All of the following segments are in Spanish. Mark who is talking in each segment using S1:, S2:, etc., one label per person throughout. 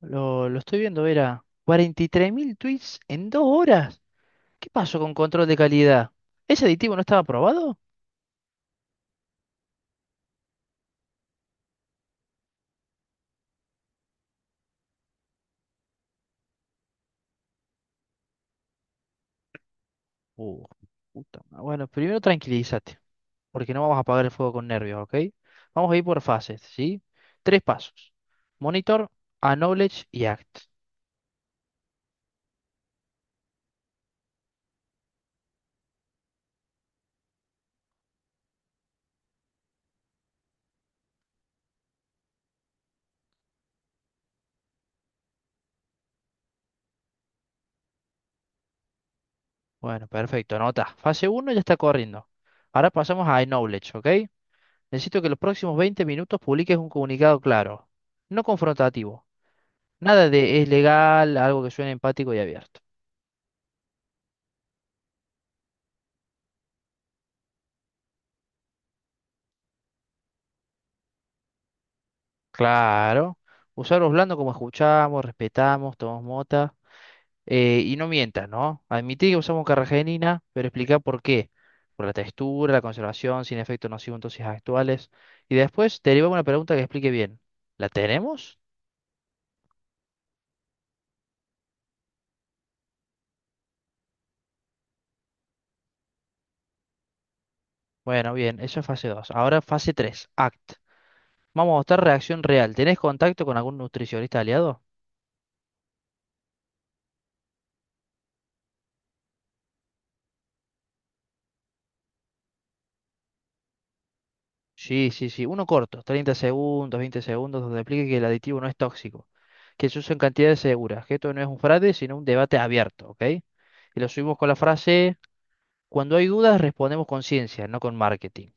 S1: Lo estoy viendo, era Vera. Mil tweets en dos horas. ¿Qué pasó con control de calidad? ¿Ese aditivo no estaba aprobado? Uh, Bueno, primero tranquilízate, porque no vamos a apagar el fuego con nervios, ¿ok? Vamos a ir por fases, ¿sí? Tres pasos. Monitor, Acknowledge y Act. Bueno, perfecto, anota. Fase uno ya está corriendo. Ahora pasamos a Acknowledge, ¿ok? Necesito que los próximos 20 minutos publiques un comunicado claro, no confrontativo. Nada de es legal, algo que suene empático y abierto. Claro. Usarlos blando como escuchamos, respetamos, tomamos mota. Y no mientas, ¿no? Admití que usamos carragenina, pero explica por qué. Por la textura, la conservación, sin efecto nocivo en dosis actuales. Y después derivamos una pregunta que explique bien. ¿La tenemos? Bueno, bien, eso es fase 2. Ahora fase 3. ACT. Vamos a mostrar reacción real. ¿Tenés contacto con algún nutricionista aliado? Sí, sí, sí. Uno corto, 30 segundos, 20 segundos, donde explique que el aditivo no es tóxico, que se usa en cantidades seguras, que esto no es un fraude, sino un debate abierto, ¿ok? Y lo subimos con la frase, cuando hay dudas respondemos con ciencia, no con marketing.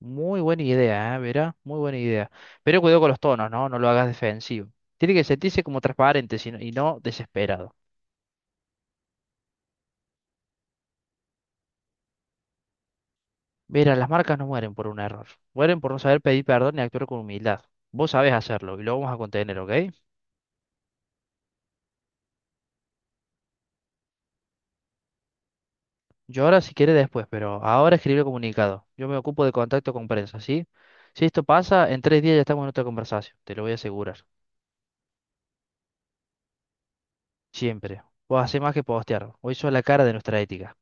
S1: Muy buena idea, ¿eh? Verá, muy buena idea. Pero cuidado con los tonos, ¿no? No lo hagas defensivo. Tiene que sentirse como transparente y no desesperado. Verá, las marcas no mueren por un error, mueren por no saber pedir perdón y actuar con humildad. Vos sabés hacerlo y lo vamos a contener, ¿ok? Yo ahora si quiere después, pero ahora escribir el comunicado. Yo me ocupo de contacto con prensa, ¿sí? Si esto pasa, en tres días ya estamos en otra conversación, te lo voy a asegurar. Siempre. Vos hacés más que postear. Hoy sos la cara de nuestra ética.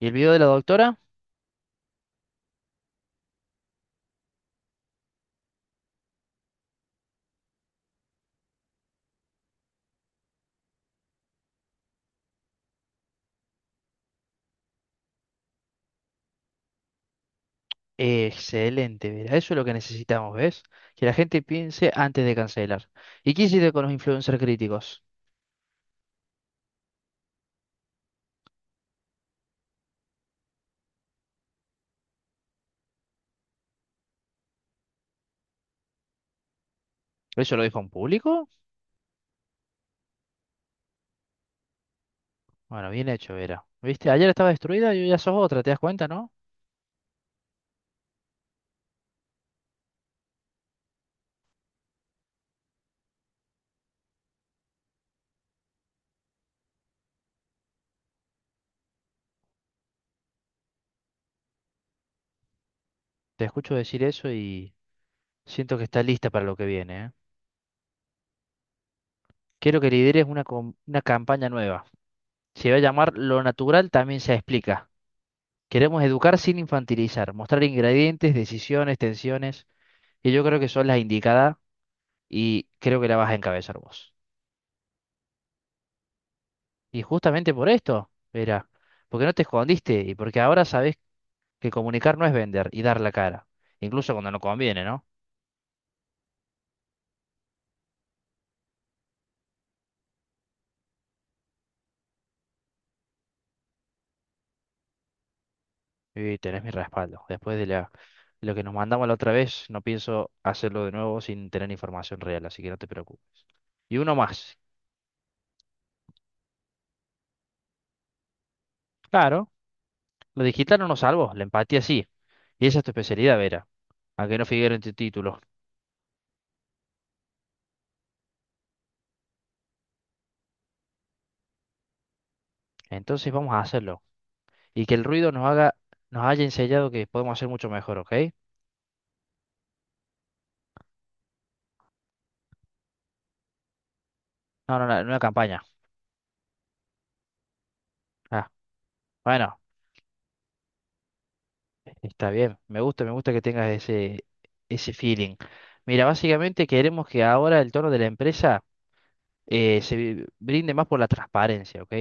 S1: ¿Y el video de la doctora? Excelente, Vera. Eso es lo que necesitamos, ¿ves? Que la gente piense antes de cancelar. ¿Y qué hiciste con los influencers críticos? ¿Eso lo dijo en público? Bueno, bien hecho, Vera. ¿Viste? Ayer estaba destruida y hoy ya sos otra, ¿te das cuenta, no? Te escucho decir eso y siento que está lista para lo que viene, ¿eh? Quiero que lideres una campaña nueva. Se va a llamar Lo natural también se explica. Queremos educar sin infantilizar, mostrar ingredientes, decisiones, tensiones, y yo creo que son las indicadas y creo que la vas a encabezar vos. Y justamente por esto, Vera, porque no te escondiste y porque ahora sabés que comunicar no es vender y dar la cara, incluso cuando no conviene, ¿no? Y tenés mi respaldo. Después de lo que nos mandamos la otra vez, no pienso hacerlo de nuevo sin tener información real, así que no te preocupes. Y uno más, claro, lo digital no nos salvó, la empatía sí. Y esa es tu especialidad, Vera, a que no figure en tu título. Entonces vamos a hacerlo. Y que el ruido nos haga, Nos haya enseñado que podemos hacer mucho mejor, ¿ok? No, no, no, en una campaña. Ah, bueno, está bien. Me gusta, que tengas ese feeling. Mira, básicamente queremos que ahora el tono de la empresa brinde más por la transparencia, ¿ok?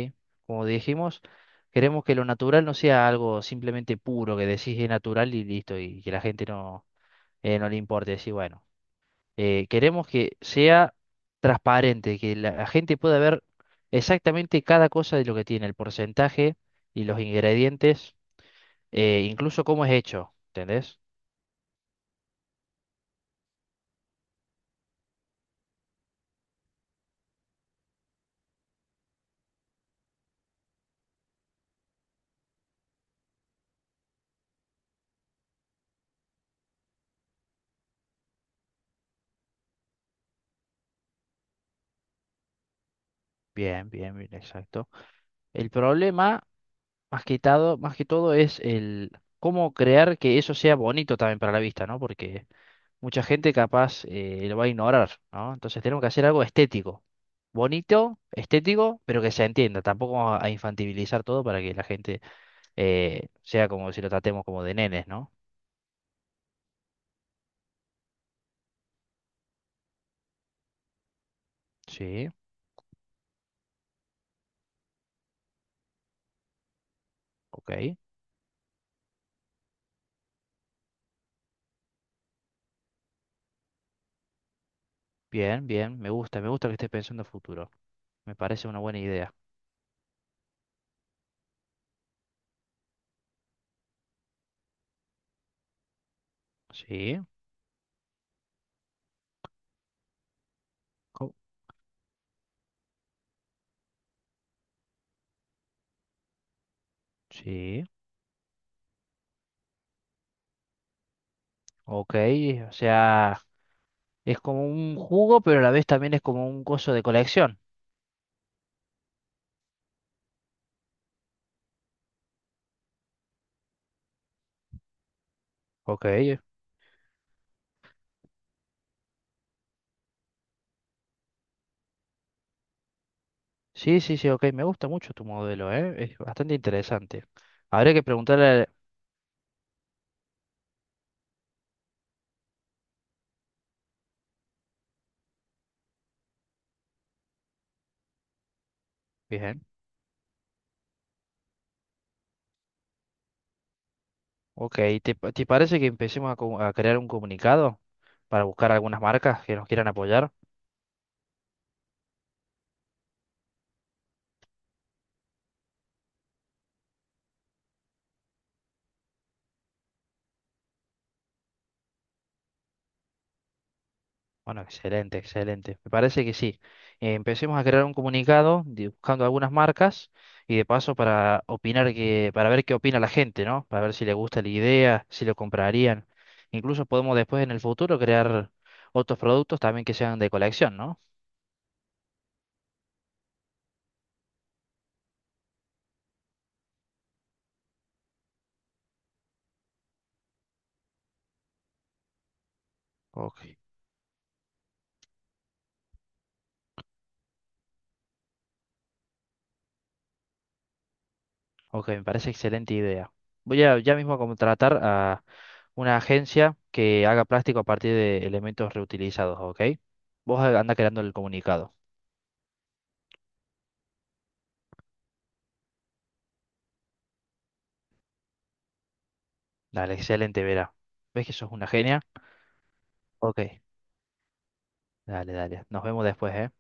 S1: Como dijimos, queremos que lo natural no sea algo simplemente puro, que decís es natural y listo, y que la gente no no le importe decir, bueno, queremos que sea transparente, que la gente pueda ver exactamente cada cosa de lo que tiene, el porcentaje y los ingredientes, incluso cómo es hecho, ¿entendés? Bien, bien, bien, exacto. El problema, más que todo es el cómo crear que eso sea bonito también para la vista, ¿no? Porque mucha gente capaz lo va a ignorar, ¿no? Entonces tenemos que hacer algo estético, bonito, estético, pero que se entienda. Tampoco vamos a infantilizar todo para que la gente sea como si lo tratemos como de nenes, ¿no? Sí, ok. Bien, bien, me gusta, que estés pensando en futuro. Me parece una buena idea. Sí, co- sí, ok. O sea, es como un jugo, pero a la vez también es como un coso de colección. Ok. Sí, sí, sí, ok, me gusta mucho tu modelo, ¿eh? Es bastante interesante. Habría que preguntarle... Bien, ok, ¿te parece que empecemos a, a crear un comunicado para buscar algunas marcas que nos quieran apoyar? Bueno, excelente, excelente. Me parece que sí. Empecemos a crear un comunicado buscando algunas marcas y de paso para opinar que, para ver qué opina la gente, ¿no? Para ver si le gusta la idea, si lo comprarían. Incluso podemos después en el futuro crear otros productos también que sean de colección, ¿no? Ok. Ok, me parece excelente idea. Voy a ya mismo a contratar a una agencia que haga plástico a partir de elementos reutilizados, ¿ok? Vos anda creando el comunicado. Dale, excelente, Vera. ¿Ves que sos una genia? Ok, dale, dale. Nos vemos después, ¿eh?